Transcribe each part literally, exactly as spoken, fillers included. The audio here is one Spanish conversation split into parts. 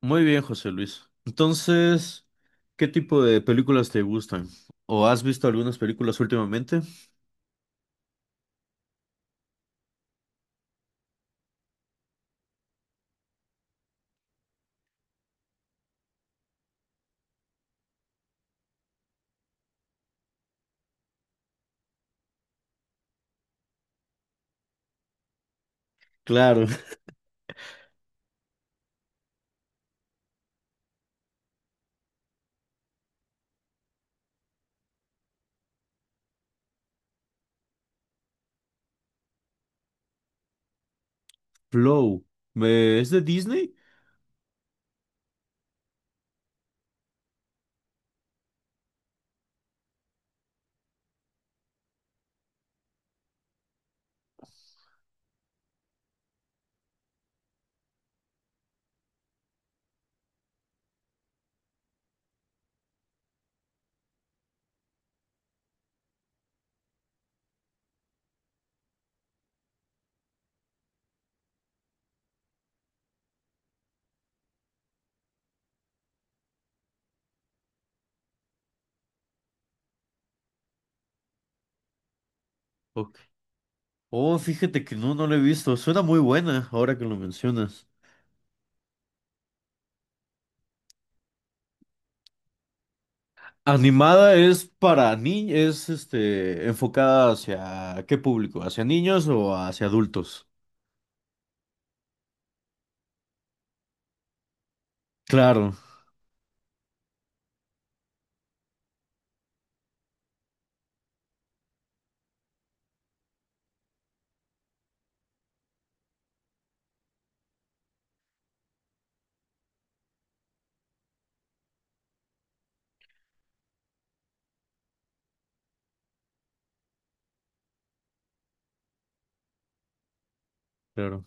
Muy bien, José Luis. Entonces, ¿qué tipo de películas te gustan? ¿O has visto algunas películas últimamente? Claro, Flow. ¿Me- ¿Es de Disney? Ok. Oh, fíjate que no, no la he visto. Suena muy buena ahora que lo mencionas. Animada es para niños, es este, enfocada hacia qué público, ¿hacia niños o hacia adultos? Claro, claro.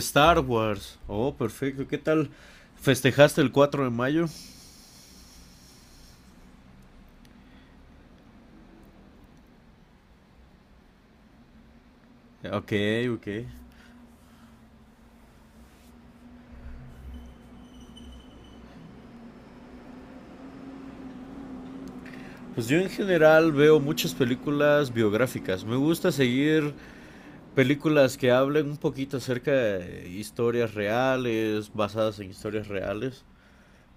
Star Wars. Oh, perfecto. ¿Qué tal? ¿Festejaste el cuatro de mayo? Ok, ok. Pues yo en general veo muchas películas biográficas. Me gusta seguir películas que hablen un poquito acerca de historias reales, basadas en historias reales.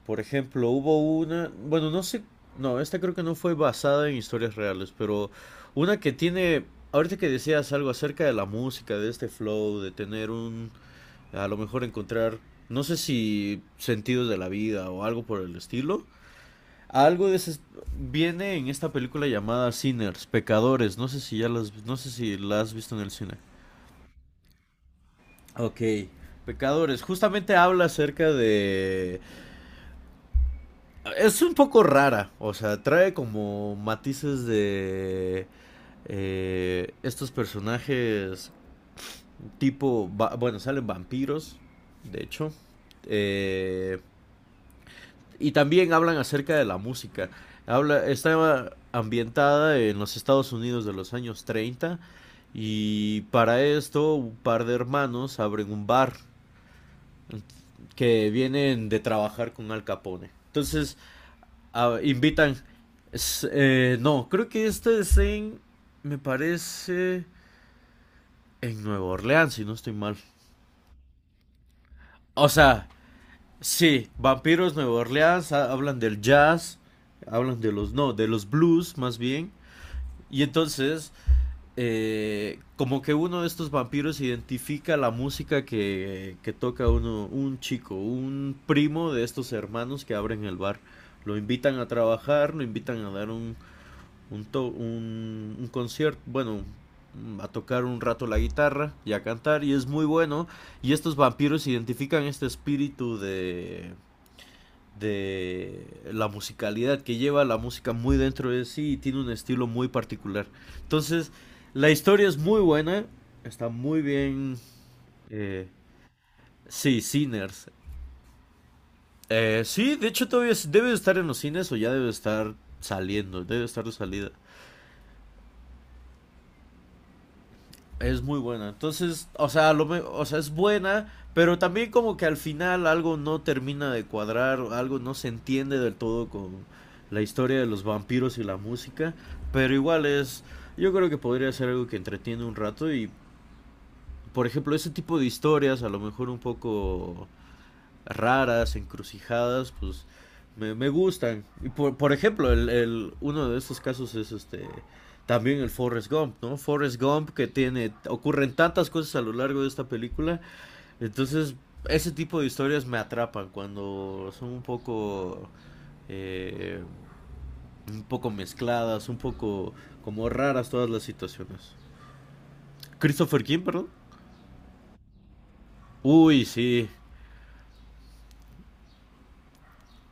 Por ejemplo, hubo una, bueno, no sé, no, esta creo que no fue basada en historias reales, pero una que tiene, ahorita que decías algo acerca de la música, de este flow, de tener un, a lo mejor encontrar, no sé si sentidos de la vida o algo por el estilo. Algo de ese viene en esta película llamada Sinners, Pecadores. No sé si ya las, no sé si la has visto en el cine. Ok. Pecadores, justamente habla acerca de... Es un poco rara, o sea, trae como matices de eh, estos personajes tipo... va- Bueno, salen vampiros, de hecho. Eh, Y también hablan acerca de la música. Habla, está ambientada en los Estados Unidos de los años treinta y para esto un par de hermanos abren un bar que vienen de trabajar con Al Capone. Entonces a- invitan... es- eh, no, creo que esto es en... Me parece... En Nueva Orleans, si no estoy mal. O sea, sí, Vampiros Nueva Orleans, ha- hablan del jazz, hablan de los... No, de los blues más bien. Y entonces, eh, como que uno de estos vampiros identifica la música que, que toca uno, un chico, un primo de estos hermanos que abren el bar. Lo invitan a trabajar, lo invitan a dar un, un, to- un, un concierto, bueno, a tocar un rato la guitarra y a cantar y es muy bueno y estos vampiros identifican este espíritu de de la musicalidad que lleva la música muy dentro de sí y tiene un estilo muy particular. Entonces, la historia es muy buena, está muy bien. eh, sí, Sinners. Eh, sí, de hecho todavía debe de estar en los cines o ya debe de estar saliendo, debe de estar de salida. Es muy buena. Entonces, o sea, lo, me- o sea, es buena, pero también como que al final algo no termina de cuadrar, algo no se entiende del todo con la historia de los vampiros y la música, pero igual es, yo creo que podría ser algo que entretiene un rato y, por ejemplo, ese tipo de historias, a lo mejor un poco raras, encrucijadas, pues me, me gustan. Y por, por ejemplo, el, el, uno de estos casos es este también el Forrest Gump, ¿no? Forrest Gump que tiene, ocurren tantas cosas a lo largo de esta película, entonces ese tipo de historias me atrapan cuando son un poco... Eh, un poco mezcladas, un poco como raras todas las situaciones. Christopher King, perdón. Uy, sí,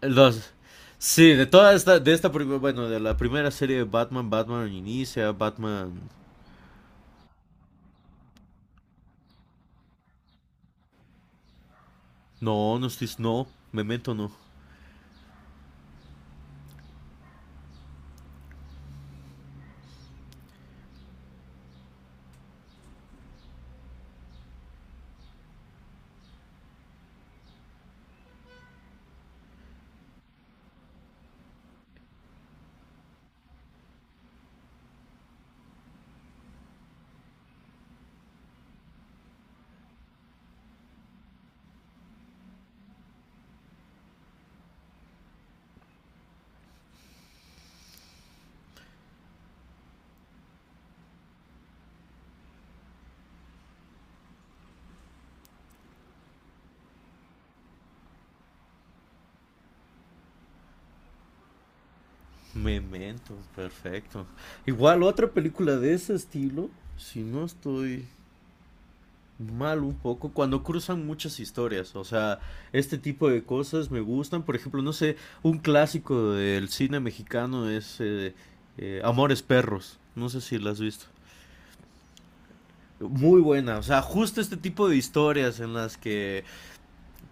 Los, Sí, de toda esta, de esta, prim- bueno, de la primera serie de Batman, Batman Inicia, Batman... No, no estoy, no, Memento no. Memento, perfecto. Igual otra película de ese estilo, si no estoy mal un poco, cuando cruzan muchas historias, o sea, este tipo de cosas me gustan, por ejemplo, no sé, un clásico del cine mexicano es eh, eh, Amores Perros, no sé si la has visto. Muy buena, o sea, justo este tipo de historias en las que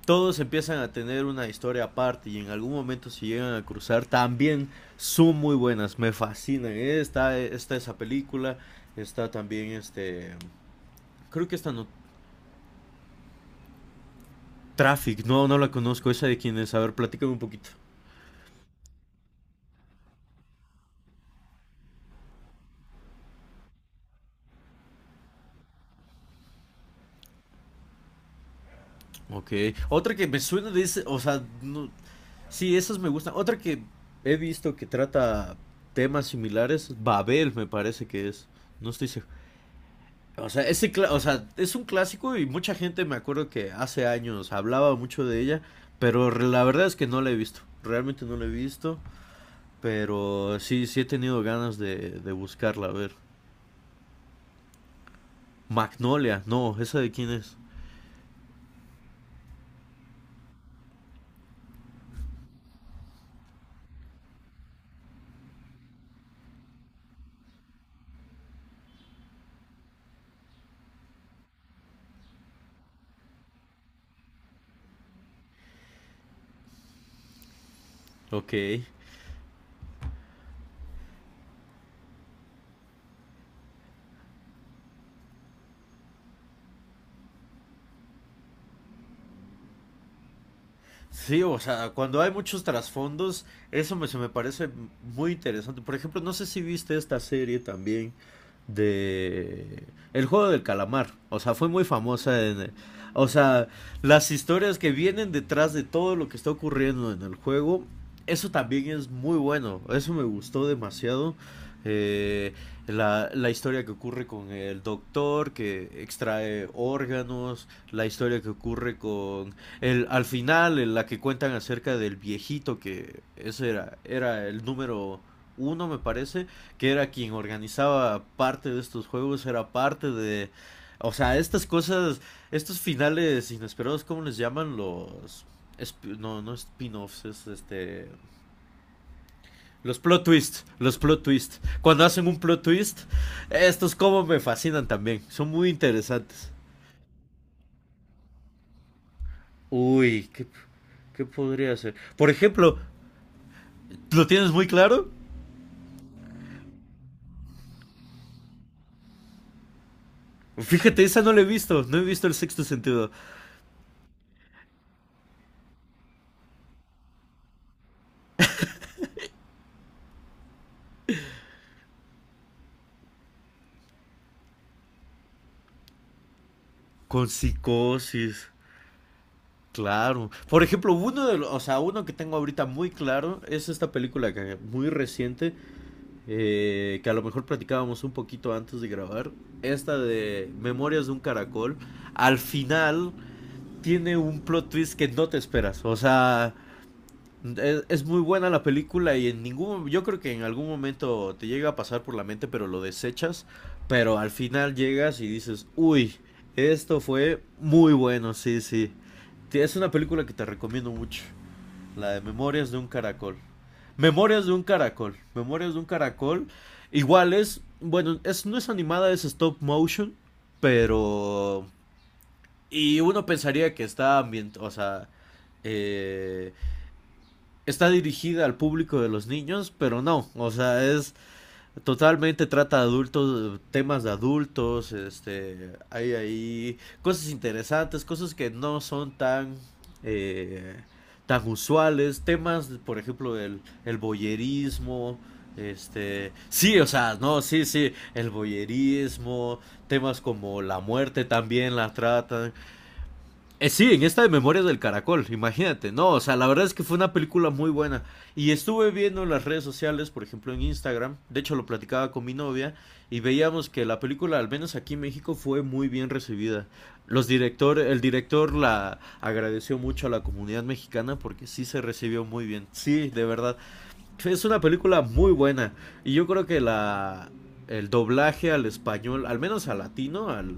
todos empiezan a tener una historia aparte y en algún momento se llegan a cruzar, también son muy buenas, me fascinan. Está, está esa película, está también este, creo que esta no, Traffic, no, no la conozco, esa de quién es, a ver, platícame un poquito. Ok, otra que me suena de ese, o sea, no, sí, esas me gustan. Otra que he visto que trata temas similares, Babel me parece que es, no estoy seguro. O sea, ese cla- o sea, es un clásico y mucha gente me acuerdo que hace años hablaba mucho de ella, pero re- la verdad es que no la he visto, realmente no la he visto, pero sí, sí he tenido ganas de, de buscarla, a ver. Magnolia, no, ¿esa de quién es? Ok. Sí, o sea, cuando hay muchos trasfondos, eso me, se me parece muy interesante. Por ejemplo, no sé si viste esta serie también de El juego del calamar. O sea, fue muy famosa en... O sea, las historias que vienen detrás de todo lo que está ocurriendo en el juego, eso también es muy bueno. Eso me gustó demasiado. Eh, la, la historia que ocurre con el doctor que extrae órganos, la historia que ocurre con el, al final, en la que cuentan acerca del viejito, que ese era, era el número uno, me parece, que era quien organizaba parte de estos juegos, era parte de... O sea, estas cosas, estos finales inesperados, ¿cómo les llaman los... no, no spin-offs, es este... los plot twists, los plot twists. Cuando hacen un plot twist, estos como me fascinan también, son muy interesantes. Uy, ¿qué, ¿qué podría ser? Por ejemplo. ¿Lo tienes muy claro? Fíjate, esa no la he visto. No he visto el sexto sentido. Con psicosis. Claro. Por ejemplo, uno de los, o sea, uno que tengo ahorita muy claro es esta película que muy reciente, eh, que a lo mejor platicábamos un poquito antes de grabar, esta de Memorias de un Caracol. Al final tiene un plot twist que no te esperas. O sea, Es, es muy buena la película y en ningún, yo creo que en algún momento te llega a pasar por la mente, pero lo desechas, pero al final llegas y dices, uy, esto fue muy bueno, sí, sí. Te- Es una película que te recomiendo mucho, la de Memorias de un Caracol. Memorias de un Caracol, Memorias de un Caracol. Igual es, bueno, es, no es animada, es stop motion, pero... Y uno pensaría que está ambient, o sea, eh, está dirigida al público de los niños, pero no, o sea, es totalmente trata adultos, temas de adultos, este, hay ahí cosas interesantes, cosas que no son tan eh, tan usuales, temas, por ejemplo, el, el boyerismo, este, sí, o sea, no, sí, sí, el boyerismo, temas como la muerte también la tratan, eh, sí, en esta de Memorias del Caracol, imagínate. No, o sea, la verdad es que fue una película muy buena. Y estuve viendo en las redes sociales, por ejemplo en Instagram, de hecho lo platicaba con mi novia, y veíamos que la película, al menos aquí en México, fue muy bien recibida. Los director, el director la agradeció mucho a la comunidad mexicana porque sí se recibió muy bien. Sí, de verdad. Es una película muy buena. Y yo creo que la el doblaje al español, al menos al latino, al,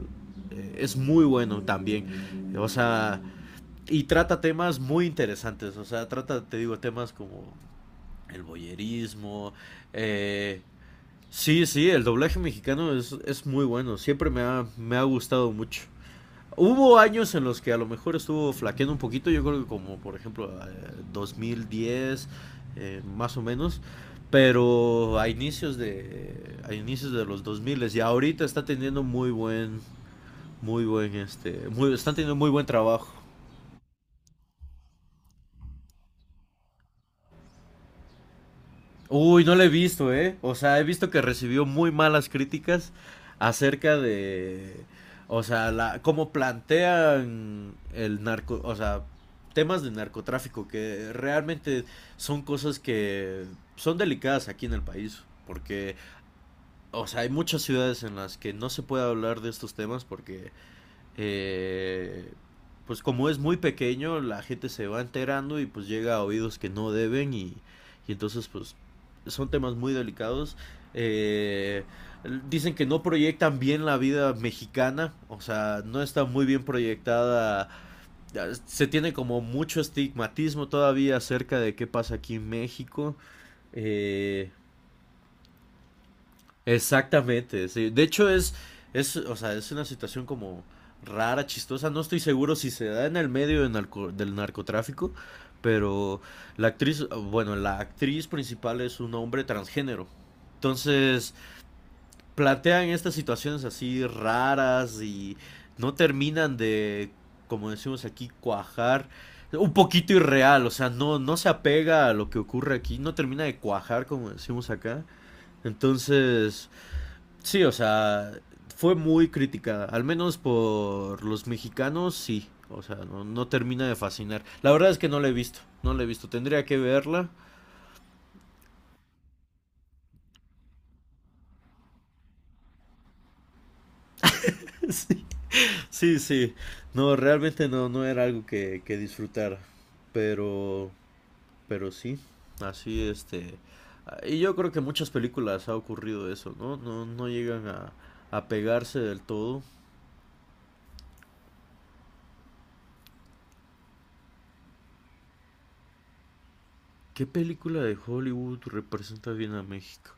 eh, es muy bueno también. O sea, y trata temas muy interesantes. O sea, trata, te digo, temas como el boyerismo. Eh, sí, sí, el doblaje mexicano es, es muy bueno. Siempre me ha, me ha gustado mucho. Hubo años en los que a lo mejor estuvo flaqueando un poquito, yo creo que como por ejemplo eh, dos mil diez, eh, más o menos, pero a inicios de a inicios de los dos mil y ahorita está teniendo muy buen muy buen este, muy, están teniendo muy buen trabajo. Uy, no la he visto, ¿eh? O sea, he visto que recibió muy malas críticas acerca de, o sea, la, cómo plantean el narco, o sea, temas de narcotráfico, que realmente son cosas que son delicadas aquí en el país, porque, o sea, hay muchas ciudades en las que no se puede hablar de estos temas porque eh, pues como es muy pequeño, la gente se va enterando y pues llega a oídos que no deben y, y entonces pues son temas muy delicados. Eh, dicen que no proyectan bien la vida mexicana, o sea, no está muy bien proyectada. Se tiene como mucho estigmatismo todavía acerca de qué pasa aquí en México. Eh, Exactamente, sí. De hecho es, es, o sea, es una situación como rara, chistosa. No estoy seguro si se da en el medio de narco- del narcotráfico, pero la actriz, bueno, la actriz principal es un hombre transgénero. Entonces, plantean estas situaciones así raras y no terminan de, como decimos aquí, cuajar. Un poquito irreal, o sea, no, no se apega a lo que ocurre aquí, no termina de cuajar, como decimos acá. Entonces, Sí, o sea, fue muy criticada, al menos por los mexicanos, sí. O sea, no, no termina de fascinar. La verdad es que no la he visto, no la he visto. Tendría que verla. Sí, sí, sí. No, realmente no, no era algo que, que disfrutar. Pero, pero sí, así este. Y yo creo que en muchas películas ha ocurrido eso, ¿no? No, no llegan a, a pegarse del todo. ¿Qué película de Hollywood representa bien a México?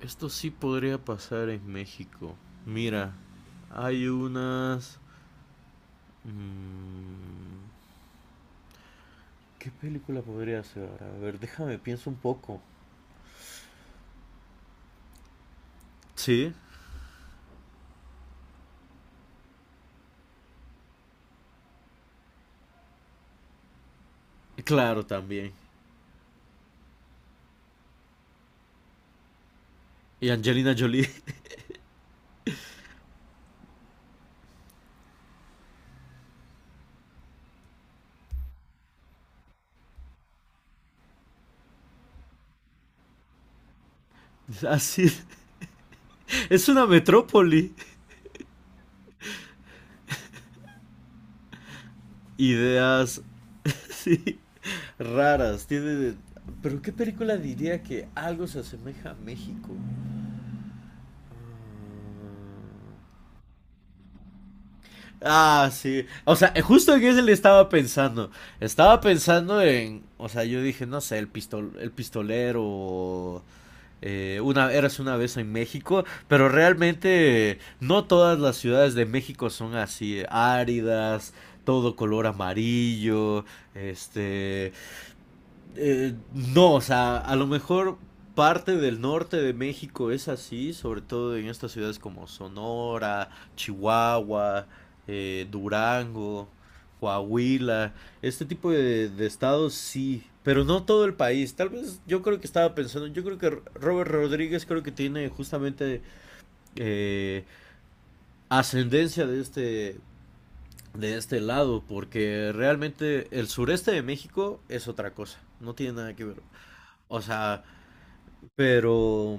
Esto sí podría pasar en México. Mira, hay unas. mm, ¿Qué película podría ser? A ver, déjame, pienso un poco. Sí, claro, también. Y Angelina Jolie. Así, es una metrópoli. Ideas, sí, raras. Tiene. Pero ¿qué película diría que algo se asemeja a México? Mm, Ah, sí. O sea, justo en ese le estaba pensando. Estaba pensando en. O sea, yo dije, no sé, el pistol, el pistolero. eh, una, eras una vez en México. Pero realmente no todas las ciudades de México son así eh, áridas. Todo color amarillo. Este. Eh, no, o sea, a lo mejor parte del norte de México es así, sobre todo en estas ciudades como Sonora, Chihuahua, eh, Durango, Coahuila, este tipo de, de estados sí, pero no todo el país. Tal vez yo creo que estaba pensando, yo creo que Robert Rodríguez creo que tiene justamente eh, ascendencia de este de este lado, porque realmente el sureste de México es otra cosa, no tiene nada que ver. O sea, pero,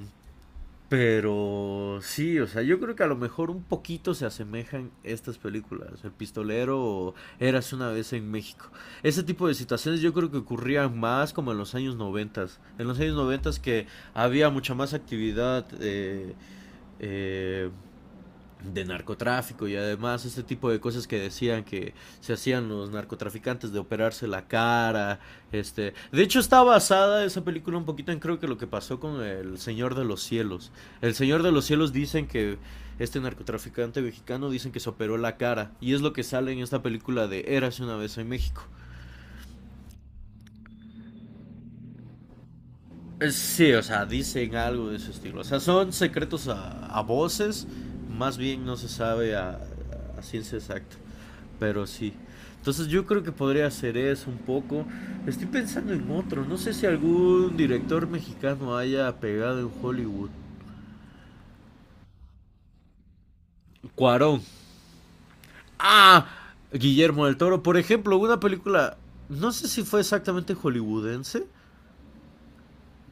pero sí, o sea, yo creo que a lo mejor un poquito se asemejan estas películas, El Pistolero o Eras una vez en México. Ese tipo de situaciones yo creo que ocurrían más como en los años noventas. En los años noventas que había mucha más actividad eh, eh, de narcotráfico y además este tipo de cosas que decían que se hacían los narcotraficantes de operarse la cara, este, de hecho está basada esa película un poquito en creo que lo que pasó con El Señor de los Cielos. El Señor de los Cielos dicen que este narcotraficante mexicano dicen que se operó la cara y es lo que sale en esta película de Érase una vez en México. Sí, o sea, dicen algo de ese estilo. O sea, son secretos a, a voces, más bien no se sabe a, a ciencia exacta. Pero sí. Entonces yo creo que podría hacer eso un poco. Estoy pensando en otro. No sé si algún director mexicano haya pegado en Hollywood. Cuarón. Ah, Guillermo del Toro. Por ejemplo, una película, no sé si fue exactamente hollywoodense,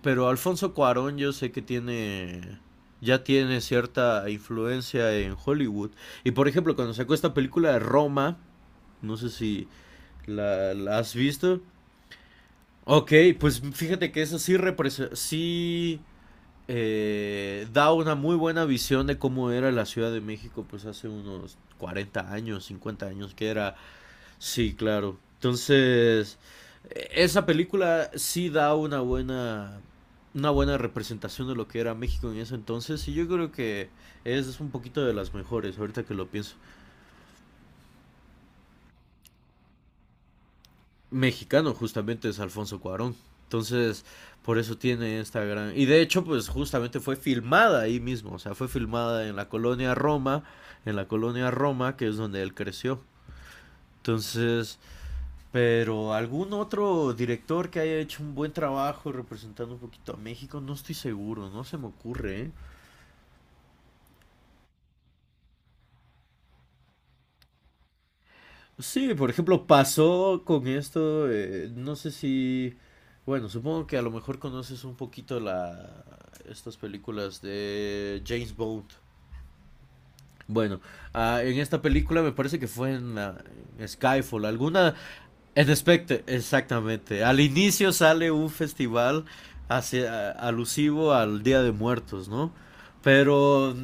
pero Alfonso Cuarón yo sé que tiene, ya tiene cierta influencia en Hollywood. Y por ejemplo, cuando sacó esta película de Roma, no sé si la, la has visto. Ok, pues fíjate que eso sí, represe- sí eh, da una muy buena visión de cómo era la Ciudad de México pues hace unos cuarenta años, cincuenta años que era. Sí, claro. Entonces, eh, esa película sí da una buena, una buena representación de lo que era México en ese entonces y yo creo que es un poquito de las mejores ahorita que lo pienso. Mexicano justamente es Alfonso Cuarón. Entonces, por eso tiene esta gran. Y de hecho, pues justamente fue filmada ahí mismo, o sea, fue filmada en la colonia Roma, en la colonia Roma, que es donde él creció. Entonces, pero algún otro director que haya hecho un buen trabajo representando un poquito a México, no estoy seguro, no se me ocurre, ¿eh? Sí, por ejemplo, pasó con esto, eh, no sé si, bueno, supongo que a lo mejor conoces un poquito la, estas películas de James Bond. Bueno, ah, en esta película me parece que fue en, la- en Skyfall, alguna, en Spectre, exactamente. Al inicio sale un festival hacia- alusivo al Día de Muertos, ¿no? Pero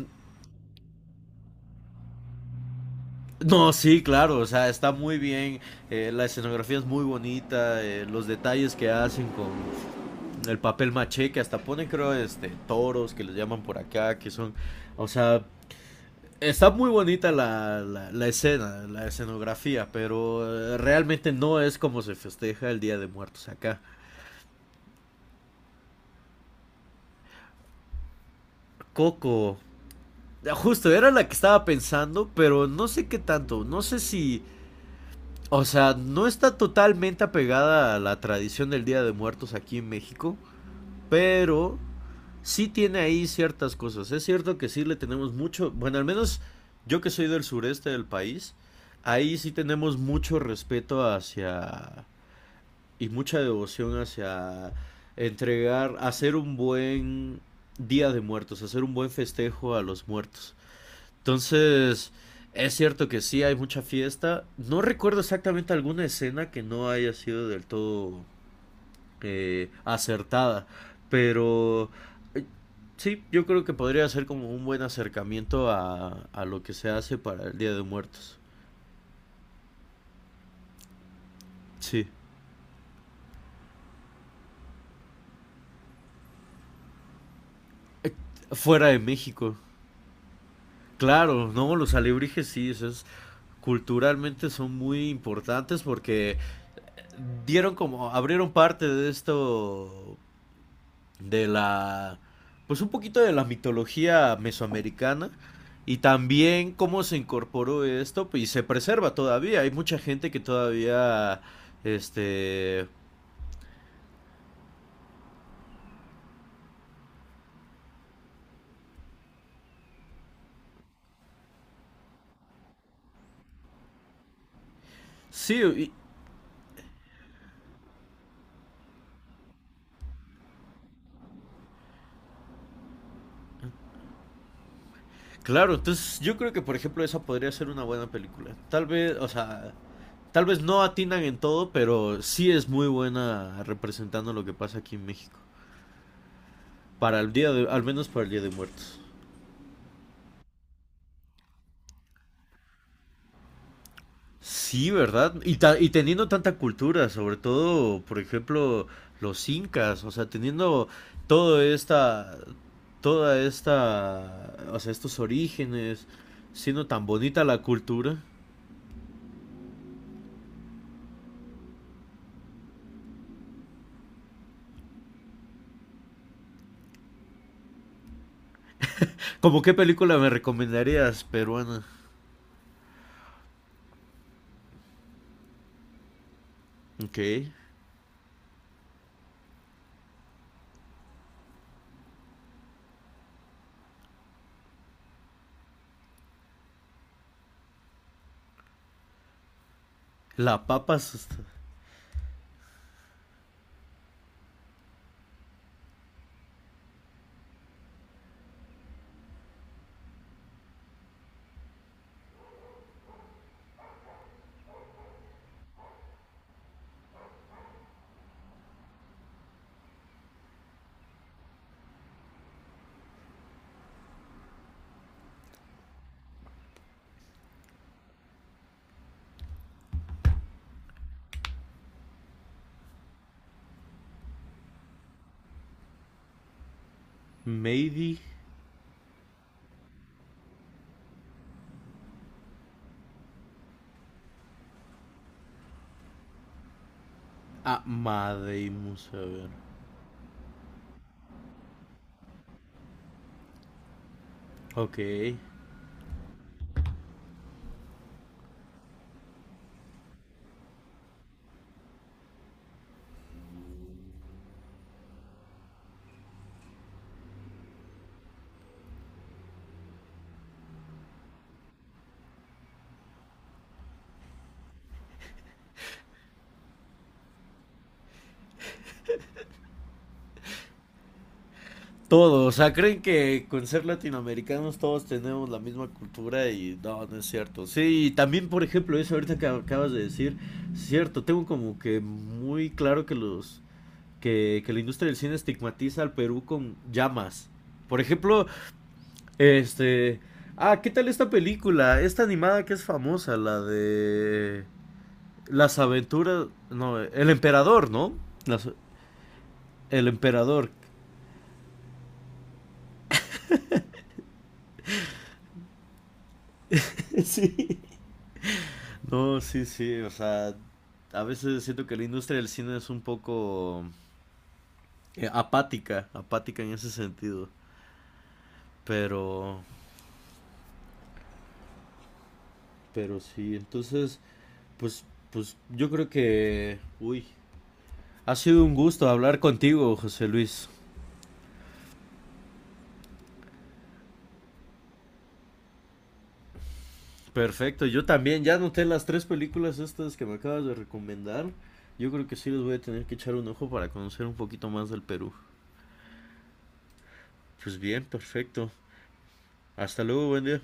no, sí, claro, o sea, está muy bien, eh, la escenografía es muy bonita, eh, los detalles que hacen con el papel maché, que hasta ponen, creo, este, toros, que les llaman por acá, que son, o sea, está muy bonita la, la, la escena, la escenografía, pero eh, realmente no es como se festeja el Día de Muertos acá. Coco, justo, era la que estaba pensando, pero no sé qué tanto, no sé si. O sea, no está totalmente apegada a la tradición del Día de Muertos aquí en México, pero sí tiene ahí ciertas cosas. Es cierto que sí le tenemos mucho, bueno, al menos yo que soy del sureste del país, ahí sí tenemos mucho respeto hacia y mucha devoción hacia entregar, hacer un buen día de muertos, hacer un buen festejo a los muertos. Entonces, es cierto que sí hay mucha fiesta. No recuerdo exactamente alguna escena que no haya sido del todo eh, acertada. Pero eh, sí, yo creo que podría ser como un buen acercamiento a, a lo que se hace para el Día de Muertos. Sí, fuera de México. Claro, no, los alebrijes sí, eso es, culturalmente son muy importantes porque dieron como, abrieron parte de esto de la, pues un poquito de la mitología mesoamericana y también cómo se incorporó esto pues, y se preserva todavía. Hay mucha gente que todavía, este, sí, y- claro, entonces yo creo que por ejemplo esa podría ser una buena película. Tal vez, o sea, tal vez no atinan en todo, pero sí es muy buena representando lo que pasa aquí en México. Para el día de, al menos para el Día de Muertos. Sí, ¿verdad? Y, ta- y teniendo tanta cultura, sobre todo, por ejemplo, los incas, o sea, teniendo todo esta, toda esta, o sea, estos orígenes, siendo tan bonita la cultura. ¿Cómo qué película me recomendarías, peruana? Ok. La Papa Maydi Amadeimus, a ver. Ok. Todo, o sea, creen que con ser latinoamericanos todos tenemos la misma cultura y no, no es cierto. Sí, y también, por ejemplo, eso ahorita que acabas de decir, cierto, tengo como que muy claro que los que, que la industria del cine estigmatiza al Perú con llamas. Por ejemplo, este, ah, ¿qué tal esta película? Esta animada que es famosa, la de Las aventuras, no, El emperador, ¿no? Las- el emperador. Sí. No, sí, sí, o sea, a veces siento que la industria del cine es un poco eh, apática, apática en ese sentido, pero, pero, sí, entonces, pues, pues yo creo que, uy, ha sido un gusto hablar contigo, José Luis. Perfecto, yo también ya noté las tres películas estas que me acabas de recomendar. Yo creo que sí les voy a tener que echar un ojo para conocer un poquito más del Perú. Pues bien, perfecto. Hasta luego, buen día.